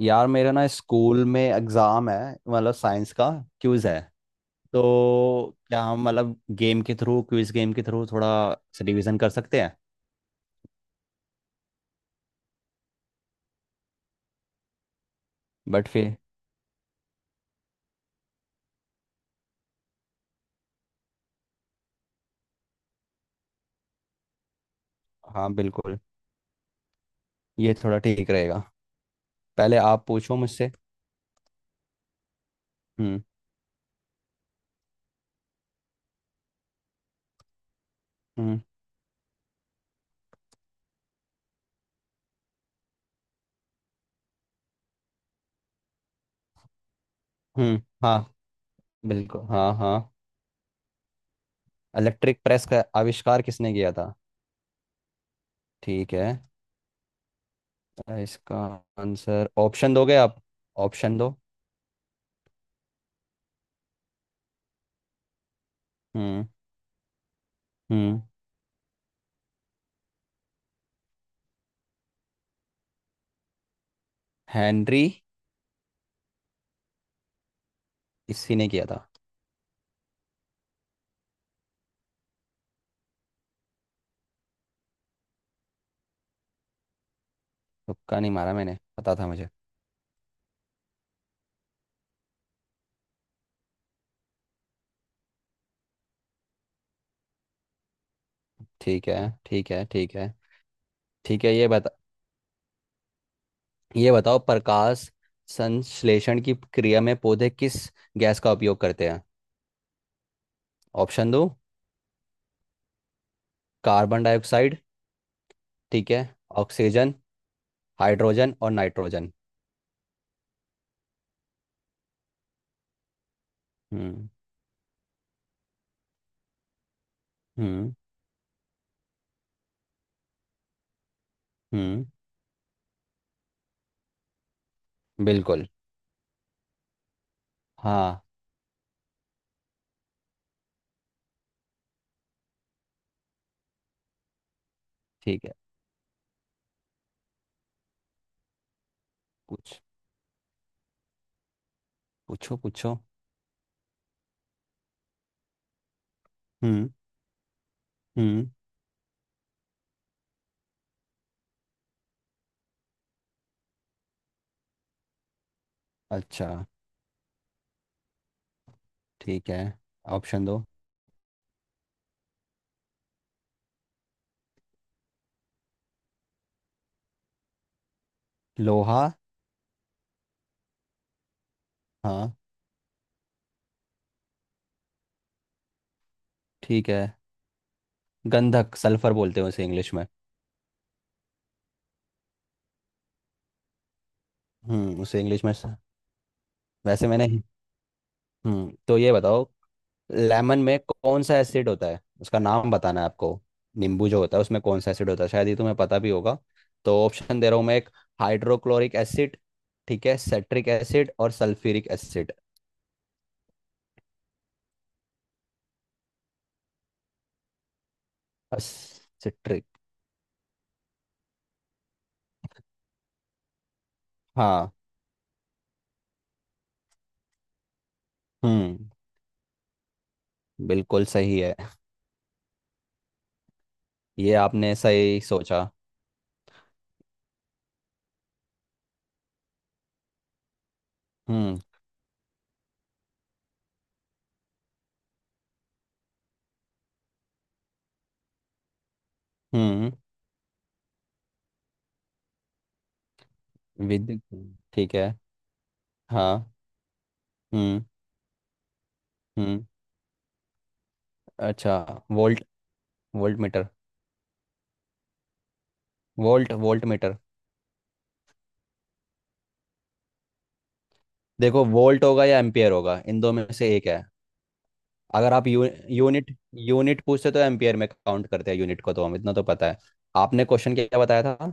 यार, मेरा ना स्कूल में एग्जाम है। मतलब साइंस का क्विज है। तो क्या हम मतलब गेम के थ्रू क्विज गेम के थ्रू थोड़ा रिवीजन कर सकते हैं? बट फिर। हाँ, बिल्कुल। ये थोड़ा ठीक रहेगा। पहले आप पूछो मुझसे। हम्म। हम्म। हम्म। हाँ, बिल्कुल। हाँ, हाँ। इलेक्ट्रिक प्रेस का आविष्कार किसने किया था? ठीक है। इसका आंसर, ऑप्शन दोगे आप? ऑप्शन दो। हम्म। हम्म। हेनरी। इसी ने किया था। तुक्का नहीं मारा, मैंने पता था मुझे। ठीक है, ठीक है, ठीक है, ठीक है। ये बताओ प्रकाश संश्लेषण की क्रिया में पौधे किस गैस का उपयोग करते हैं? ऑप्शन दो। Carbon dioxide. ठीक है। ऑक्सीजन, हाइड्रोजन और नाइट्रोजन। हम्म। हम्म। हम्म। बिल्कुल। हाँ। ठीक है। पूछ पूछो, पूछो। हम्म। हम्म। अच्छा। ठीक है। ऑप्शन दो। लोहा। हाँ। ठीक है। गंधक, सल्फर बोलते हैं उसे इंग्लिश में। उसे इंग्लिश में स-। वैसे मैंने। तो ये बताओ लेमन में कौन सा एसिड होता है, उसका नाम बताना है आपको। नींबू जो होता है उसमें कौन सा एसिड होता है, शायद ये तुम्हें पता भी होगा। तो ऑप्शन दे रहा हूँ मैं एक। Hydrochloric acid. ठीक है, सेट्रिक एसिड और सल्फ्यूरिक एसिड। सिट्रिक। हाँ। हम्म। बिल्कुल सही है। ये आपने सही सोचा। हम्म। हम्म। विद। ठीक है। हाँ। हम्म। हम्म। अच्छा। Volt volt meter. Volt volt. देखो, वोल्ट होगा या एम्पियर होगा, इन दो में से एक है। अगर आप यूनिट यूनिट पूछते तो एम्पियर में काउंट करते हैं यूनिट को, तो हम इतना तो पता है। आपने क्वेश्चन क्या बताया था?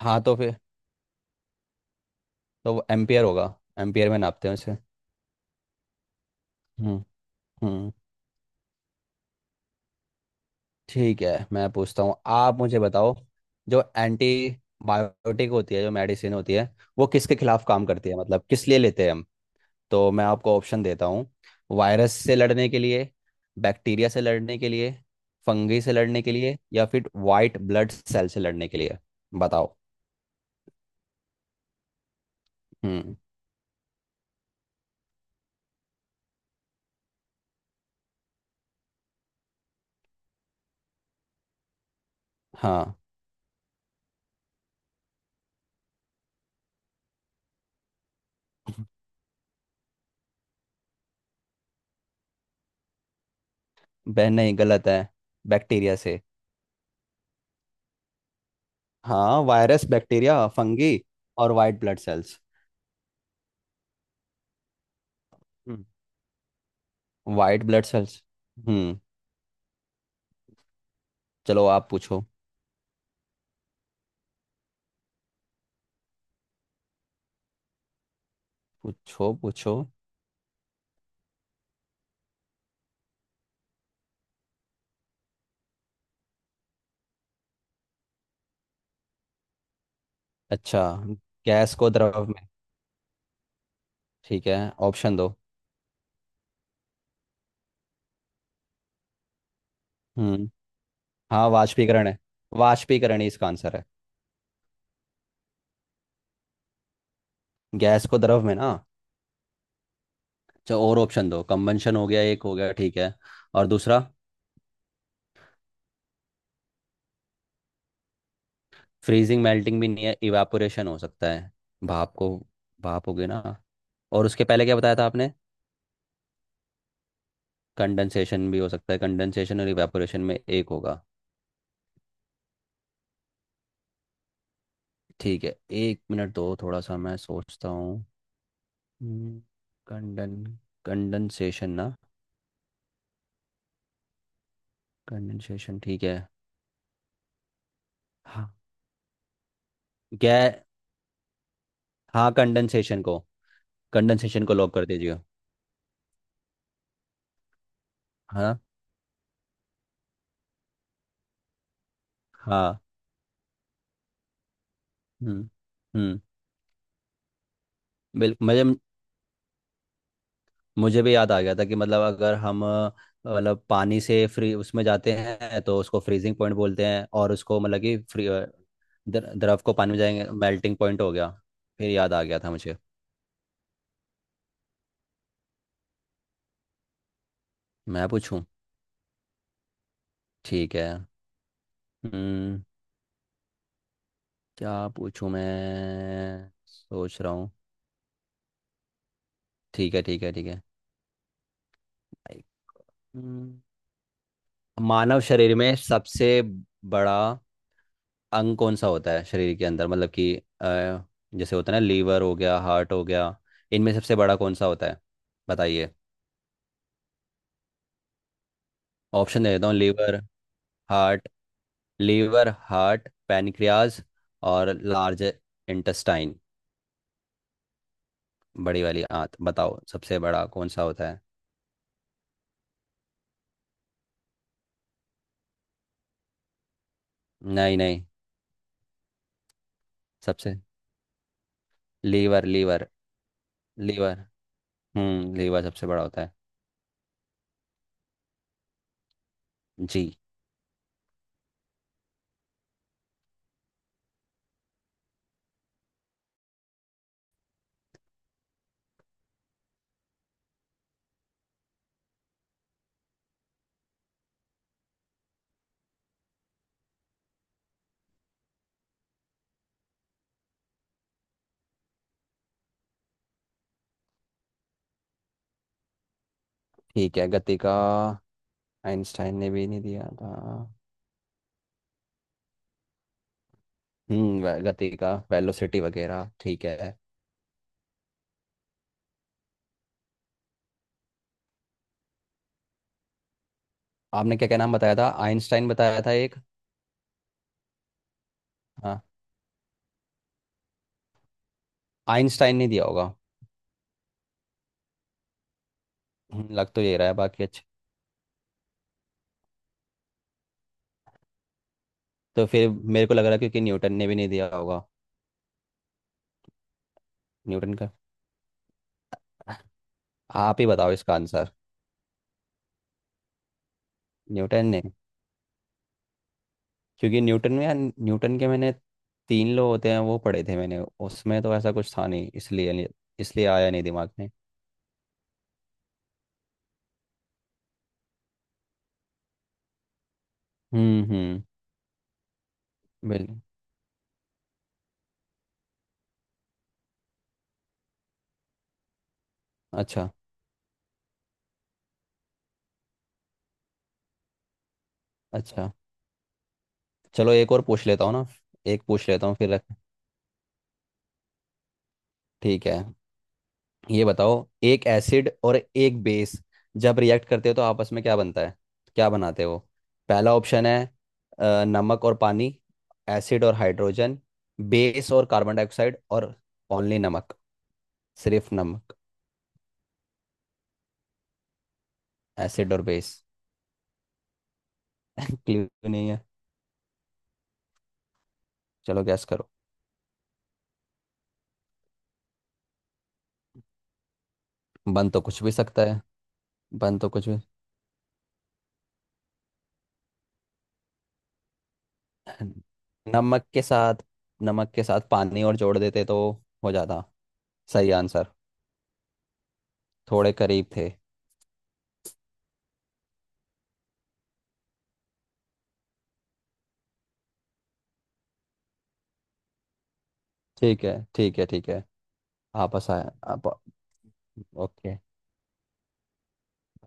हाँ, तो फिर। तो वो एम्पियर होगा। एम्पियर में नापते हैं उसे। हम्म। हम्म। ठीक है, मैं पूछता हूँ, आप मुझे बताओ। जो एंटी बायोटिक होती है, जो मेडिसिन होती है, वो किसके खिलाफ काम करती है, मतलब किस लिए लेते हैं हम? तो मैं आपको ऑप्शन देता हूँ। वायरस से लड़ने के लिए। बैक्टीरिया से लड़ने के लिए। फंगी से लड़ने के लिए या फिर वाइट ब्लड सेल से लड़ने के लिए। बताओ। हम्म। हाँ। बहन, नहीं, गलत है। बैक्टीरिया से। हाँ, वायरस, बैक्टीरिया, फंगी और वाइट ब्लड सेल्स। हम्म। White blood cells. हम्म। चलो, आप पूछो। पूछो, पूछो। अच्छा, गैस को द्रव में। ठीक है। ऑप्शन दो। हम्म। हाँ, वाष्पीकरण है। वाष्पीकरण ही इसका आंसर है। गैस को द्रव में ना। अच्छा, और ऑप्शन दो, कंबंशन हो गया, एक हो गया, ठीक है। और दूसरा। फ्रीजिंग, मेल्टिंग भी नहीं है, इवापोरेशन हो सकता है। भाप को। भाप हो गया ना। और उसके पहले क्या बताया था आपने? कंडेंसेशन भी हो सकता है, कंडेंसेशन और इवेपोरेशन में एक होगा। ठीक है, एक मिनट दो, थोड़ा सा मैं सोचता हूँ। कंडन कंडेंसेशन ना। कंडेंसेशन ठीक है। हाँ। गै हाँ, कंडेंसेशन को। कंडेंसेशन को लॉक कर दीजिए। हाँ। हाँ। हम्म। हम्म। बिल्कुल। मुझे मुझे भी याद आ गया था कि मतलब अगर हम मतलब पानी से फ्री उसमें जाते हैं तो उसको फ्रीजिंग पॉइंट बोलते हैं, और उसको मतलब कि फ्री द्रव को पानी में जाएंगे मेल्टिंग पॉइंट हो गया। फिर याद आ गया था मुझे। मैं पूछूं। ठीक है। हम्म। क्या पूछूं, मैं सोच रहा हूँ। ठीक है, ठीक है, ठीक है। हम्म। मानव शरीर में सबसे बड़ा अंग कौन सा होता है, शरीर के अंदर मतलब कि अ, जैसे होता है ना, लीवर हो गया, हार्ट हो गया, इनमें सबसे बड़ा कौन सा होता है? बताइए। ऑप्शन दे देता हूँ। हार्ट लीवर, हार्ट, पैनक्रियाज और लार्ज इंटेस्टाइन, बड़ी वाली आंत। बताओ सबसे बड़ा कौन सा होता है। नहीं, नहीं। सबसे लीवर, लीवर, लीवर। लीवर सबसे बड़ा होता है। जी। ठीक है, गति का। आइंस्टाइन ने भी नहीं दिया था। गति का वेलोसिटी वगैरह, ठीक है। आपने क्या क्या नाम बताया था? आइंस्टाइन बताया था एक। हाँ। आइंस्टाइन ने दिया होगा। लग तो ये रहा है बाकी। अच्छा। तो फिर मेरे को लग रहा है क्योंकि न्यूटन ने भी नहीं दिया होगा। न्यूटन का। आप ही बताओ इसका आंसर। न्यूटन ने, क्योंकि न्यूटन में, यार न्यूटन के मैंने तीन लो होते हैं, वो पढ़े थे मैंने। उसमें तो ऐसा कुछ था नहीं इसलिए नहीं-, इसलिए आया नहीं दिमाग में। हम्म। हम्म। बिल्कुल। अच्छा। अच्छा, चलो एक और पूछ लेता हूँ ना। एक पूछ लेता हूँ फिर रख-। ठीक है, ये बताओ, एक एसिड और एक बेस जब रिएक्ट करते हो तो आपस में क्या बनता है? क्या बनाते हो? पहला ऑप्शन है, नमक और पानी। एसिड और हाइड्रोजन। बेस और कार्बन डाइऑक्साइड। और ओनली नमक, सिर्फ नमक। एसिड और बेस। क्लियर नहीं है। चलो गैस करो। बन तो कुछ भी सकता है। बन तो कुछ भी। नमक के साथ, नमक के साथ पानी और जोड़ देते तो हो जाता। सही आंसर। थोड़े करीब थे। ठीक है, ठीक है, ठीक है। आप आसान आप। ओके।